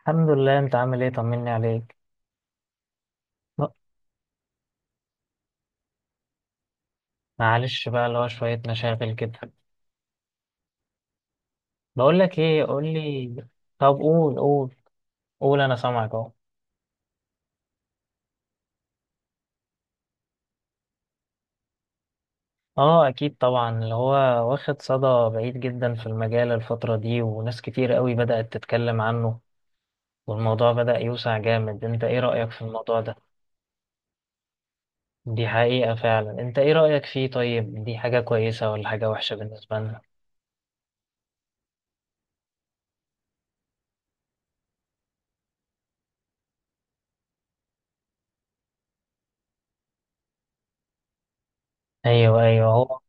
الحمد لله. انت عامل ايه؟ طمني عليك. ب- معلش بقى اللي هو شوية مشاغل كده. بقول لك ايه، قول لي. طب قول، قول انا سامعك اهو. اه اكيد طبعا، اللي هو واخد صدى بعيد جدا في المجال الفترة دي، وناس كتير قوي بدأت تتكلم عنه، والموضوع بدأ يوسع جامد. انت ايه رأيك في الموضوع ده؟ دي حقيقة فعلا. انت ايه رأيك فيه؟ طيب دي حاجة كويسة ولا حاجة وحشة بالنسبة لنا؟ ايوه، ايوه، هو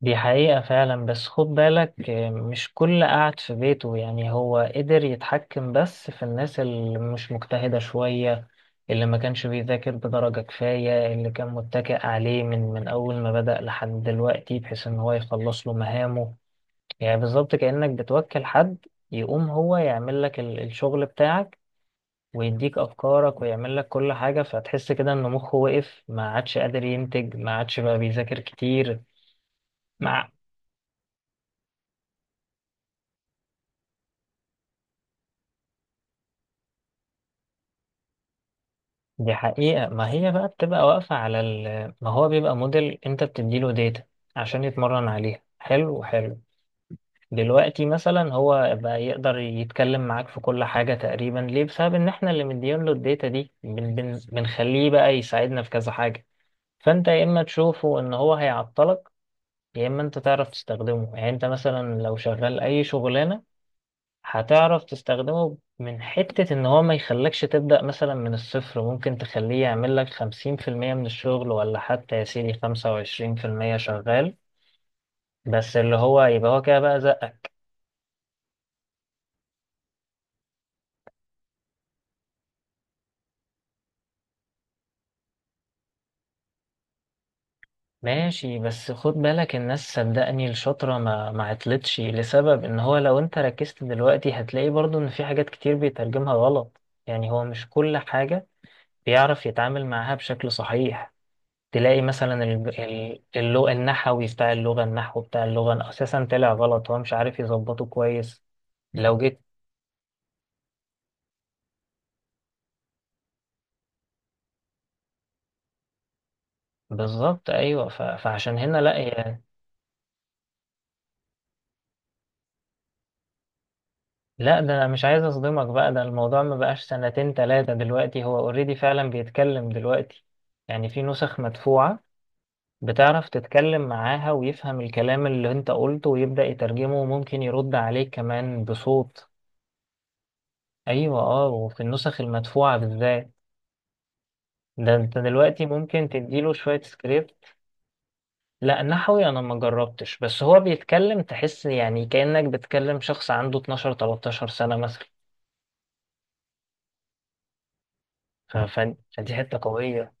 دي حقيقة فعلا. بس خد بالك، مش كل قاعد في بيته، يعني هو قدر يتحكم، بس في الناس اللي مش مجتهدة شوية، اللي ما كانش بيذاكر بدرجة كفاية، اللي كان متكئ عليه من أول ما بدأ لحد دلوقتي، بحيث إن هو يخلص له مهامه. يعني بالظبط كأنك بتوكل حد يقوم هو يعمل لك الشغل بتاعك، ويديك أفكارك، ويعمل لك كل حاجة، فتحس كده إن مخه وقف، ما عادش قادر ينتج، ما عادش بقى بيذاكر كتير. دي حقيقة. ما هي بقى بتبقى واقفة على ما هو بيبقى موديل، انت بتديله داتا عشان يتمرن عليها. حلو، حلو. دلوقتي مثلا هو بقى يقدر يتكلم معاك في كل حاجة تقريبا، ليه؟ بسبب ان احنا اللي مديين له الداتا دي، بنخليه بقى يساعدنا في كذا حاجة. فانت يا اما تشوفه ان هو هيعطلك، يا اما انت تعرف تستخدمه. يعني انت مثلا لو شغال اي شغلانة، هتعرف تستخدمه من حتة ان هو ما يخلكش تبدأ مثلا من الصفر، ممكن تخليه يعمل لك خمسين في المية من الشغل، ولا حتى يا سيدي خمسة وعشرين في المية شغال، بس اللي هو يبقى هو كده بقى زقك. ماشي، بس خد بالك الناس صدقني الشاطرة ما عطلتش، لسبب ان هو لو انت ركزت دلوقتي هتلاقي برضو ان في حاجات كتير بيترجمها غلط. يعني هو مش كل حاجة بيعرف يتعامل معاها بشكل صحيح. تلاقي مثلا اللغة النحوي بتاع اللغة، النحو بتاع اللغة أساسا طلع غلط، هو مش عارف يظبطه كويس. لو جيت بالظبط، أيوه، فعشان هنا لا يعني. لا، ده أنا مش عايز أصدمك، بقى ده الموضوع ما بقاش سنتين تلاتة دلوقتي، هو أوريدي فعلا بيتكلم دلوقتي. يعني في نسخ مدفوعة بتعرف تتكلم معاها، ويفهم الكلام اللي انت قلته، ويبدأ يترجمه، وممكن يرد عليك كمان بصوت. أيوه، اه، وفي النسخ المدفوعة بالذات، ده انت دلوقتي ممكن تديله شوية سكريبت. لا نحوي انا ما جربتش، بس هو بيتكلم تحس يعني كأنك بتكلم شخص عنده 12 13 سنة مثلا. فدي حتة قوية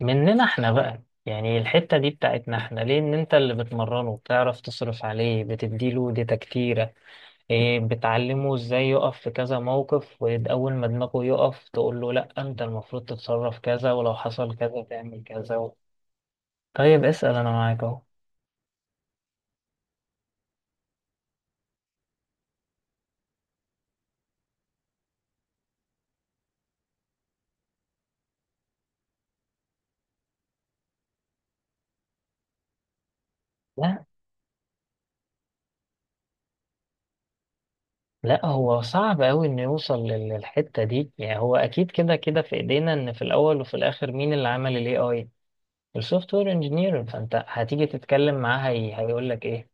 مننا احنا بقى. يعني الحتة دي بتاعتنا احنا ليه؟ ان انت اللي بتمرنه، بتعرف تصرف عليه، بتديله داتا كتيرة، ايه، بتعلمه ازاي يقف في كذا موقف، واول ما دماغه يقف تقول له لا انت المفروض تتصرف كذا، ولو حصل كذا تعمل كذا. طيب اسأل انا معاك اهو. لا، هو صعب أوي إنه يوصل للحتة دي. يعني هو أكيد كده كده في إيدينا، إن في الأول وفي الآخر مين اللي عمل ال AI؟ السوفت وير انجينير. فأنت هتيجي تتكلم معاه، هيقول لك إيه؟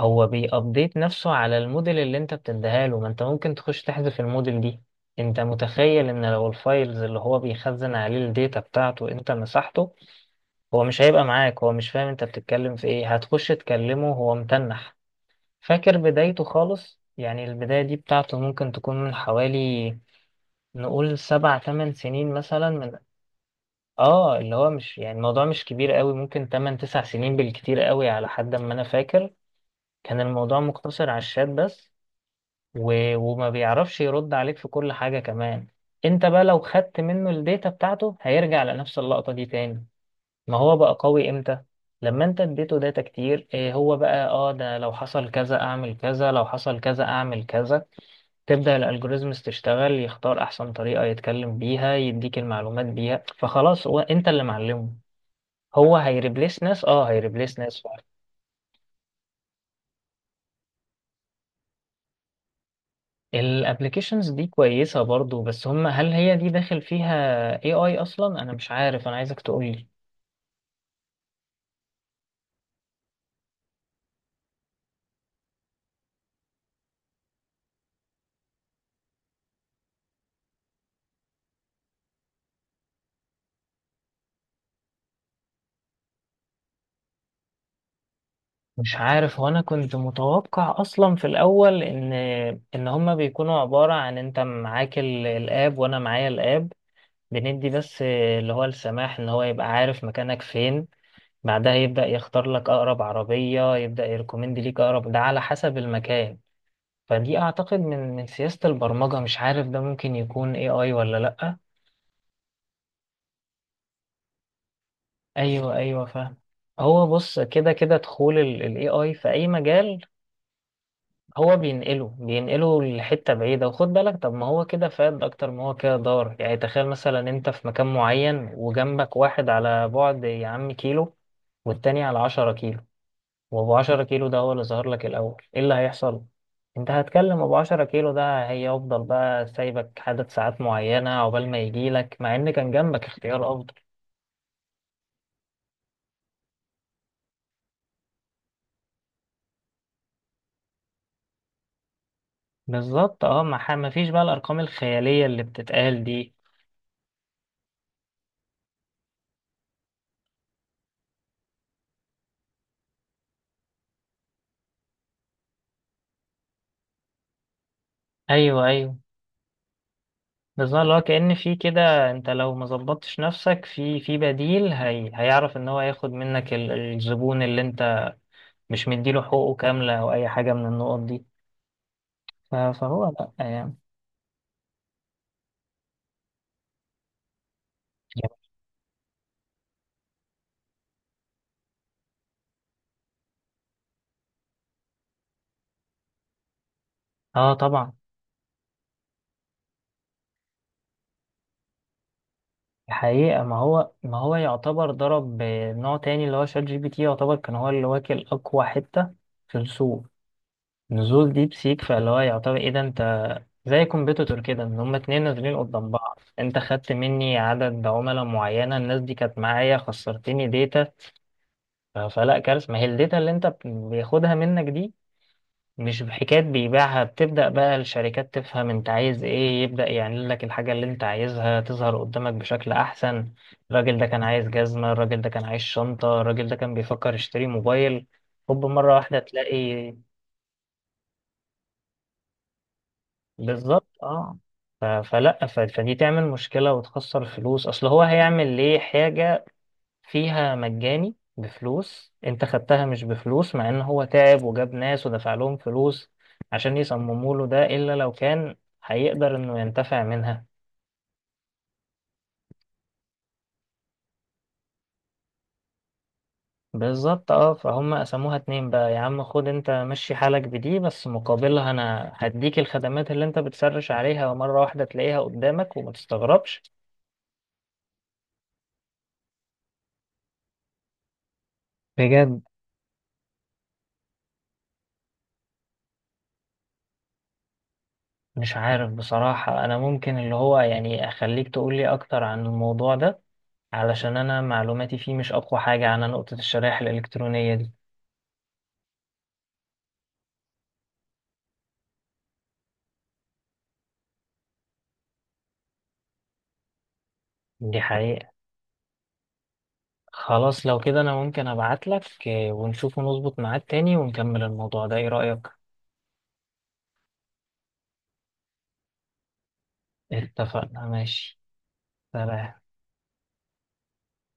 هو بيأبديت نفسه على الموديل اللي أنت بتديها له، ما أنت ممكن تخش تحذف الموديل دي. أنت متخيل إن لو الفايلز اللي هو بيخزن عليه الداتا بتاعته أنت مسحته؟ هو مش هيبقى معاك، هو مش فاهم أنت بتتكلم في إيه، هتخش تكلمه هو متنح، فاكر بدايته خالص. يعني البداية دي بتاعته ممكن تكون من حوالي، نقول سبع تمن سنين مثلا، من اه، اللي هو مش يعني الموضوع مش كبير قوي، ممكن تمن تسع سنين بالكتير قوي على حد ما انا فاكر. كان الموضوع مقتصر على الشات بس، وما بيعرفش يرد عليك في كل حاجة كمان. انت بقى لو خدت منه الداتا بتاعته هيرجع لنفس اللقطة دي تاني. ما هو بقى قوي امتى؟ لما انت اديته داتا كتير، إيه هو بقى اه ده لو حصل كذا اعمل كذا، لو حصل كذا اعمل كذا، تبدأ الالجوريزمز تشتغل، يختار احسن طريقة يتكلم بيها، يديك المعلومات بيها، فخلاص هو انت اللي معلمه. هو هيريبليس ناس، اه هيريبليس ناس فعلا. الابلكيشنز دي كويسة برضو، بس هم هل هي دي داخل فيها اي اي اصلا؟ انا مش عارف، انا عايزك تقولي. مش عارف. وانا كنت متوقع اصلا في الاول ان ان هم بيكونوا عبارة عن انت معاك الاب، وانا معايا الاب، بندي بس اللي هو السماح ان هو يبقى عارف مكانك فين، بعدها يبدأ يختار لك أقرب عربية، يبدأ يركومند ليك أقرب ده على حسب المكان. فدي أعتقد من سياسة البرمجة، مش عارف ده ممكن يكون AI ولا لأ. أيوه، أيوه، فاهم. هو بص، كده كده دخول ال AI في أي مجال هو بينقله لحتة بعيدة. وخد بالك، طب ما هو كده فاد أكتر ما هو كده ضار. يعني تخيل مثلا أنت في مكان معين، وجنبك واحد على بعد يا عم كيلو، والتاني على عشرة كيلو، وابو 10 كيلو ده هو اللي ظهر لك الاول، ايه اللي هيحصل؟ انت هتكلم ابو 10 كيلو ده، هيفضل بقى سايبك عدد ساعات معينة عقبال ما يجيلك، مع ان كان جنبك اختيار افضل. بالظبط، اه، ما فيش بقى الارقام الخيالية اللي بتتقال دي. ايوه، ايوه، بالظبط، اللي هو كأن في كده، انت لو ما ظبطتش نفسك في بديل، هي هيعرف ان هو ياخد منك الزبون اللي انت مش مديله حقوقه كاملة او اي حاجة من النقط دي. فهو لا يعني. اه طبعا. الحقيقة ما هو يعتبر ضرب نوع تاني. اللي هو شات جي بي تي يعتبر كان هو اللي واكل أقوى حتة في السوق. نزول ديب سيك، فاللي هو يعتبر إيه ده، أنت زي كومبيتيتور كده، إن هما اتنين نازلين قدام بعض، أنت خدت مني عدد عملاء معينة، الناس دي كانت معايا، خسرتني داتا. فلا كارثة. ما هي الداتا اللي أنت بياخدها منك دي مش بحكاية بيبيعها، بتبدأ بقى الشركات تفهم انت عايز ايه، يبدأ يعمل لك الحاجة اللي انت عايزها تظهر قدامك بشكل احسن. الراجل ده كان عايز جزمة، الراجل ده كان عايز شنطة، الراجل ده كان بيفكر يشتري موبايل، هوب مرة واحدة تلاقي. بالظبط، اه. فلا، فدي تعمل مشكلة وتخسر فلوس، اصل هو هيعمل ليه حاجة فيها مجاني بفلوس انت خدتها مش بفلوس، مع ان هو تعب وجاب ناس ودفع لهم فلوس عشان يصمموا له ده، الا لو كان هيقدر انه ينتفع منها. بالظبط، اه، فهم قسموها اتنين بقى، يا عم خد انت مشي حالك بدي، بس مقابلها انا هديك الخدمات اللي انت بتسرش عليها، ومرة واحدة تلاقيها قدامك وما تستغربش. بجد؟ مش عارف بصراحة، انا ممكن اللي هو يعني اخليك تقولي اكتر عن الموضوع ده، علشان انا معلوماتي فيه مش اقوى حاجة على نقطة الشرائح الالكترونية دي. دي حقيقة. خلاص لو كده انا ممكن ابعتلك، ونشوف ونظبط ميعاد تاني ونكمل الموضوع ده، ايه رأيك؟ اتفقنا، ماشي. سلام.